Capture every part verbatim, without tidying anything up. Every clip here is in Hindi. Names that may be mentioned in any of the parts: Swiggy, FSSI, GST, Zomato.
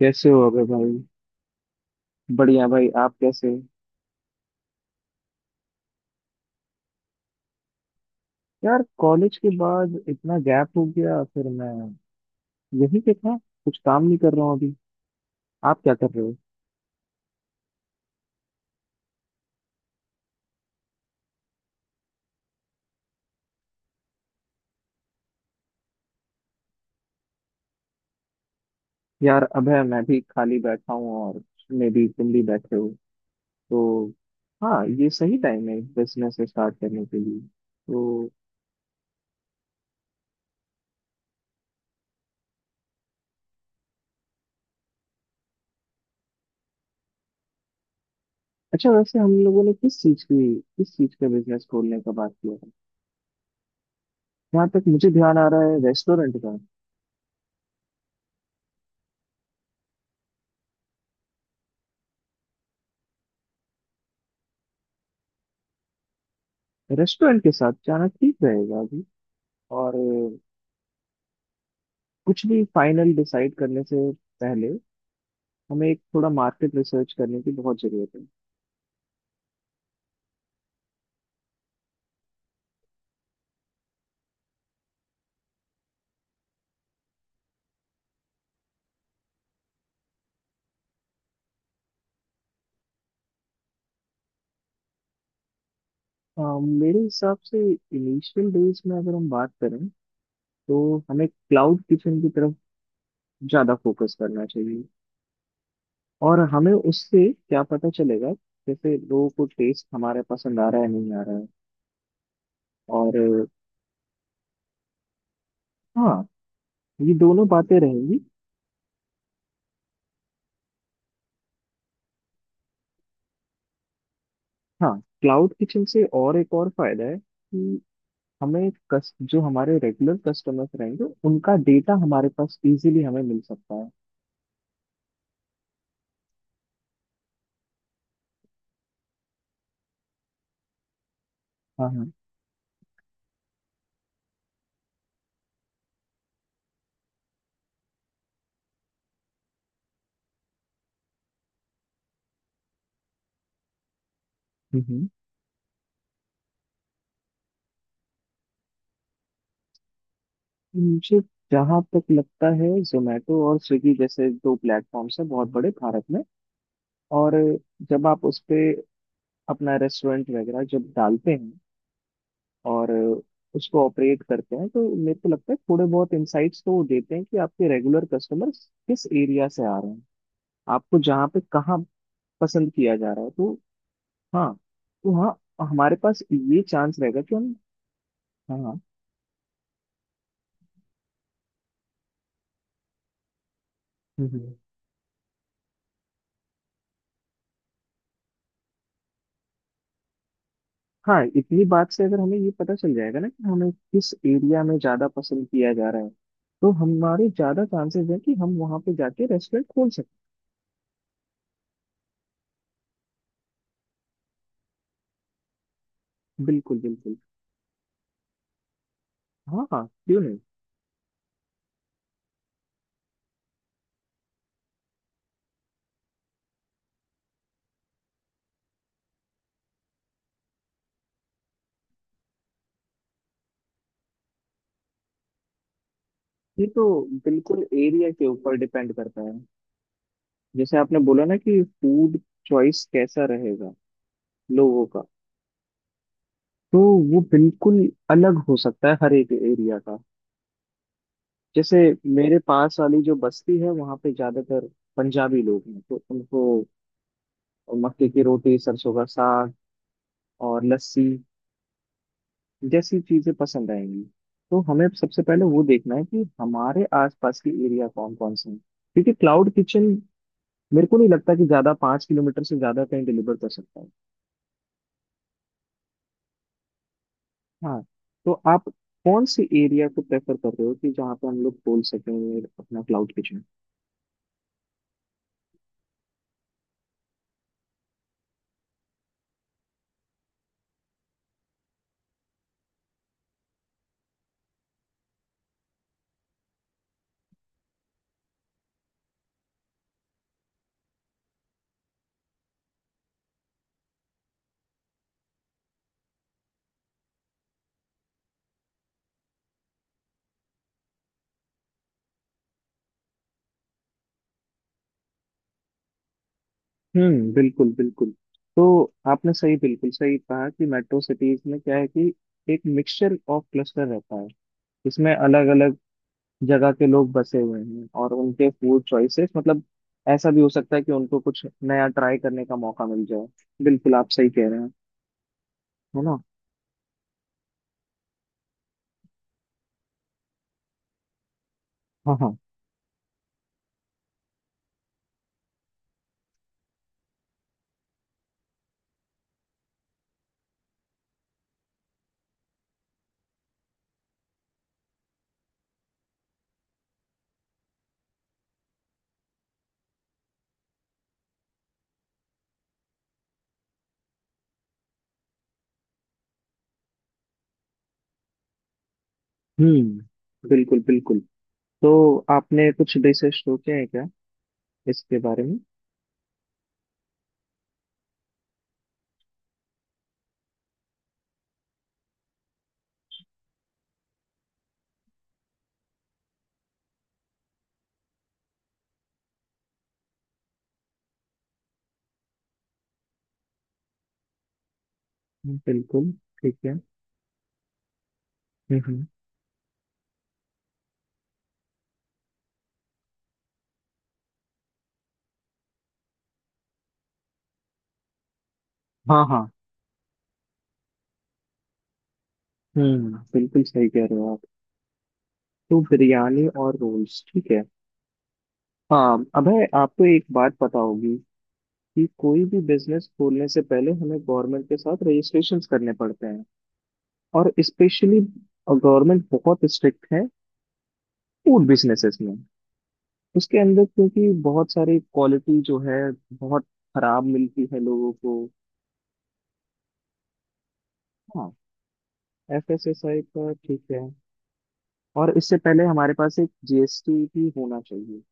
कैसे हो अबे भाई। बढ़िया भाई, आप कैसे हो? यार कॉलेज के बाद इतना गैप हो गया। फिर मैं यही पे था, कुछ काम नहीं कर रहा हूँ अभी। आप क्या कर रहे हो? यार अबे मैं भी खाली बैठा हूँ, और मे भी तुम भी बैठे हो तो। हाँ, ये सही टाइम है बिजनेस स्टार्ट करने के लिए तो। अच्छा वैसे हम लोगों ने किस चीज की किस चीज का बिजनेस खोलने का बात किया था? जहाँ तक मुझे ध्यान आ रहा है, रेस्टोरेंट का। रेस्टोरेंट के साथ जाना ठीक रहेगा अभी, और कुछ भी फाइनल डिसाइड करने से पहले हमें एक थोड़ा मार्केट रिसर्च करने की बहुत ज़रूरत है। अ, मेरे हिसाब से इनिशियल डेज में अगर हम बात करें तो हमें क्लाउड किचन की तरफ ज़्यादा फोकस करना चाहिए। और हमें उससे क्या पता चलेगा जैसे लोगों को टेस्ट हमारा पसंद आ रहा है नहीं आ रहा है। और अ, हाँ, ये दोनों बातें रहेंगी। हाँ, क्लाउड किचन से और एक और फायदा है कि हमें कस, जो हमारे रेगुलर कस्टमर्स रहेंगे उनका डेटा हमारे पास इजीली हमें मिल सकता है। हाँ हाँ। हम्म हम्म। मुझे जहाँ तक लगता है जोमेटो और स्विगी जैसे दो प्लेटफॉर्म्स हैं बहुत बड़े भारत में, और जब आप उस पे अपना रेस्टोरेंट वगैरह जब डालते हैं और उसको ऑपरेट करते हैं तो मेरे को लगता है थोड़े बहुत इंसाइट्स तो वो देते हैं कि आपके रेगुलर कस्टमर्स किस एरिया से आ रहे हैं, आपको जहाँ पे कहाँ पसंद किया जा रहा है तो। हाँ, तो हाँ हमारे पास ये चांस रहेगा कि हम। हाँ हाँ। हम्म हम्म। हाँ, इतनी बात से अगर हमें ये पता चल जाएगा ना कि हमें किस एरिया में ज्यादा पसंद किया जा रहा है, तो हमारे ज्यादा चांसेस है कि हम वहां पे जाके रेस्टोरेंट खोल सकते हैं। बिल्कुल बिल्कुल। हाँ हाँ, क्यों नहीं। ये तो बिल्कुल एरिया के ऊपर डिपेंड करता है। जैसे आपने बोला ना कि फूड चॉइस कैसा रहेगा लोगों का, तो वो बिल्कुल अलग हो सकता है हर एक एरिया का। जैसे मेरे पास वाली जो बस्ती है वहाँ पे ज्यादातर पंजाबी लोग हैं, तो उनको मक्के की रोटी, सरसों का साग और लस्सी जैसी चीजें पसंद आएंगी। तो हमें सबसे पहले वो देखना है कि हमारे आसपास के एरिया कौन कौन से हैं, क्योंकि क्लाउड किचन मेरे को नहीं लगता कि ज्यादा पाँच किलोमीटर से ज्यादा कहीं डिलीवर कर सकता है। हाँ, तो आप कौन से एरिया को प्रेफर कर रहे हो कि जहाँ पे हम लोग खोल सकें अपना क्लाउड किचन? हम्म, बिल्कुल बिल्कुल। तो आपने सही, बिल्कुल सही कहा कि मेट्रो सिटीज में क्या है कि एक मिक्सचर ऑफ क्लस्टर रहता है। इसमें अलग अलग जगह के लोग बसे हुए हैं और उनके फूड चॉइसेस मतलब ऐसा भी हो सकता है कि उनको कुछ नया ट्राई करने का मौका मिल जाए। बिल्कुल आप सही कह रहे हैं, है ना। हाँ हाँ। हम्म, बिल्कुल बिल्कुल। तो आपने कुछ रिसर्च सोचे हैं क्या इसके बारे में? बिल्कुल। ठीक है। हम्म हम्म। हाँ हाँ। हम्म, बिल्कुल सही कह रहे हो आप। तो बिरयानी और रोल्स ठीक है। हाँ अबे, आपको एक बात पता होगी कि कोई भी बिजनेस खोलने से पहले हमें गवर्नमेंट के साथ रजिस्ट्रेशन करने पड़ते हैं, और स्पेशली गवर्नमेंट बहुत स्ट्रिक्ट है फूड बिजनेसेस में। उसके अंदर क्योंकि बहुत सारी क्वालिटी जो है बहुत खराब मिलती है लोगों को। हाँ, एफ एस एस आई का ठीक है। और इससे पहले हमारे पास एक जीएसटी भी होना चाहिए।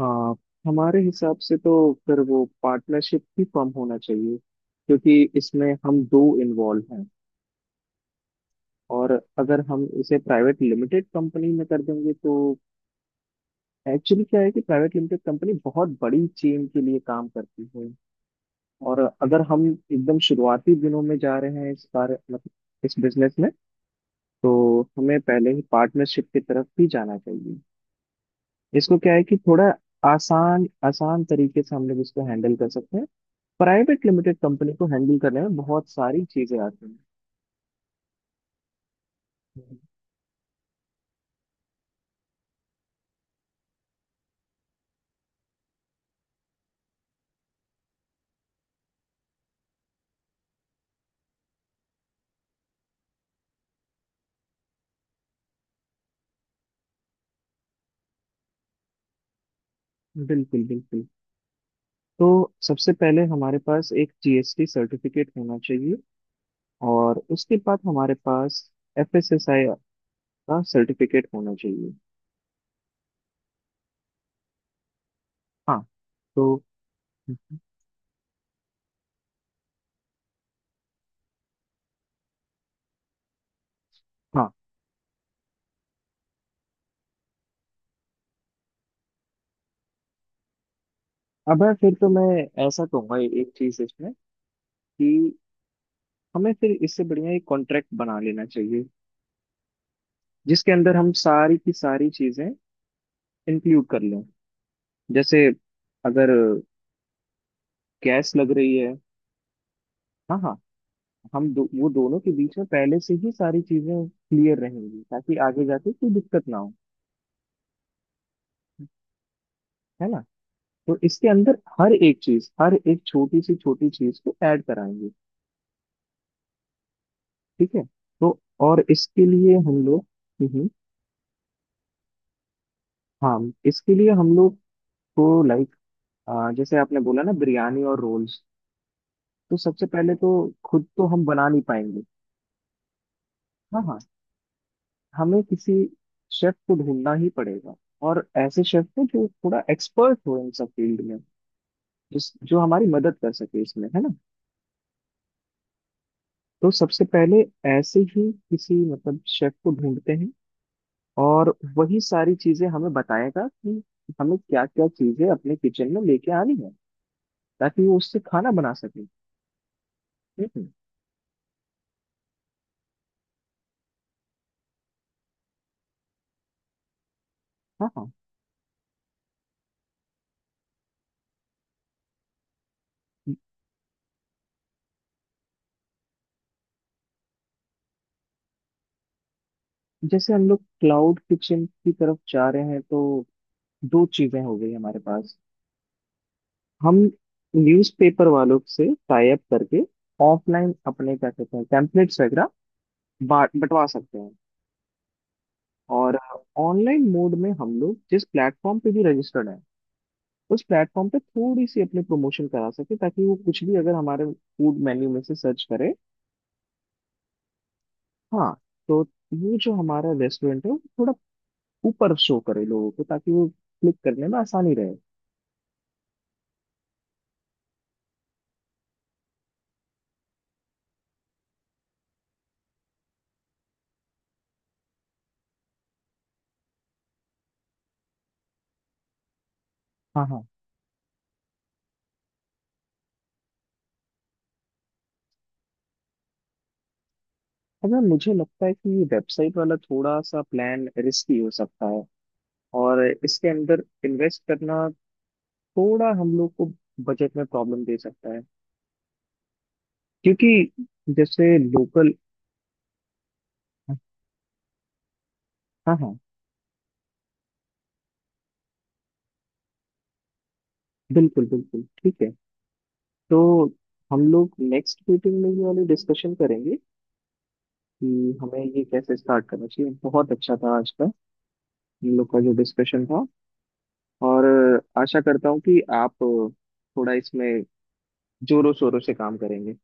हाँ, हमारे हिसाब से तो फिर वो पार्टनरशिप ही फॉर्म होना चाहिए, क्योंकि इसमें हम दो इन्वॉल्व हैं। और अगर हम इसे प्राइवेट लिमिटेड कंपनी में कर देंगे तो एक्चुअली क्या है कि प्राइवेट लिमिटेड कंपनी बहुत बड़ी चेन के लिए काम करती है। और अगर हम एकदम शुरुआती दिनों में जा रहे हैं इस बार, मतलब इस बिजनेस में, तो हमें पहले ही पार्टनरशिप की तरफ भी जाना चाहिए। इसको क्या है कि थोड़ा आसान आसान तरीके से हम लोग इसको हैंडल कर सकते हैं। प्राइवेट लिमिटेड कंपनी को हैंडल करने में बहुत सारी चीजें आती हैं। बिल्कुल बिल्कुल। तो सबसे पहले हमारे पास एक जीएसटी सर्टिफिकेट होना चाहिए, और उसके बाद हमारे पास एफएसएसआई का सर्टिफिकेट होना चाहिए। हाँ। तो हाँ, अब है फिर तो मैं ऐसा कहूंगा ये- एक चीज इसमें कि हमें फिर इससे बढ़िया एक कॉन्ट्रैक्ट बना लेना चाहिए, जिसके अंदर हम सारी की सारी चीजें इंक्लूड कर लें। जैसे अगर गैस लग रही है। हाँ हाँ। हम दो, वो दोनों के बीच में पहले से ही सारी चीजें क्लियर रहेंगी ताकि आगे जाके कोई दिक्कत ना हो। है ना। तो इसके अंदर हर एक चीज, हर एक छोटी सी छोटी चीज को ऐड कराएंगे। ठीक है। तो और इसके लिए हम लोग, हम्म, हाँ इसके लिए हम लोग को लाइक, जैसे आपने बोला ना बिरयानी और रोल्स, तो सबसे पहले तो खुद तो हम बना नहीं पाएंगे। हाँ हाँ, हमें किसी शेफ को ढूंढना ही पड़ेगा, और ऐसे शेफ को जो थोड़ा एक्सपर्ट हो इन सब फील्ड में, जिस जो हमारी मदद कर सके इसमें, है ना। तो सबसे पहले ऐसे ही किसी मतलब शेफ को ढूंढते हैं, और वही सारी चीजें हमें बताएगा कि हमें क्या क्या चीजें अपने किचन में लेके आनी है ताकि वो उससे खाना बना सके। हम्म। हाँ हाँ। जैसे हम लोग क्लाउड किचन की तरफ जा रहे हैं, तो दो चीजें हो गई हमारे पास। हम न्यूज़पेपर वालों से टाई अप करके ऑफलाइन अपने क्या कहते हैं टेम्पलेट्स वगैरह बांट बंटवा सकते हैं। और ऑनलाइन मोड में हम लोग जिस प्लेटफॉर्म पे भी रजिस्टर्ड है उस प्लेटफॉर्म पे थोड़ी सी अपने प्रमोशन करा सके, ताकि वो कुछ भी अगर हमारे फूड मेन्यू में से सर्च करे। हाँ, तो ये जो हमारा रेस्टोरेंट है वो थोड़ा ऊपर शो करे लोगों को ताकि वो क्लिक करने में आसानी रहे। हाँ हाँ। अगर मुझे लगता है कि ये वेबसाइट वाला थोड़ा सा प्लान रिस्की हो सकता है, और इसके अंदर इन्वेस्ट करना थोड़ा हम लोग को बजट में प्रॉब्लम दे सकता है, क्योंकि जैसे लोकल। हाँ हाँ। बिल्कुल बिल्कुल ठीक है। तो हम लोग नेक्स्ट मीटिंग में ये वाली डिस्कशन करेंगे कि हमें ये कैसे स्टार्ट करना चाहिए। बहुत अच्छा था आज का हम लोग का जो डिस्कशन था। और आशा करता हूँ कि आप थोड़ा इसमें जोरों शोरों से काम करेंगे।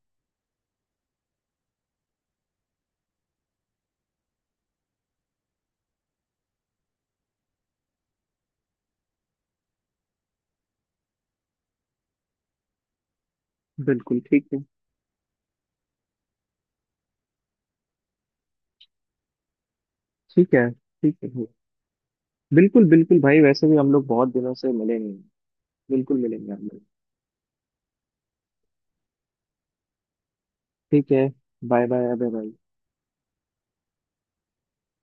बिल्कुल ठीक है। ठीक है। ठीक है। बिल्कुल बिल्कुल भाई, वैसे भी हम लोग बहुत दिनों से मिले नहीं। बिल्कुल मिलेंगे हम लोग। ठीक है। Bye bye, bye bye.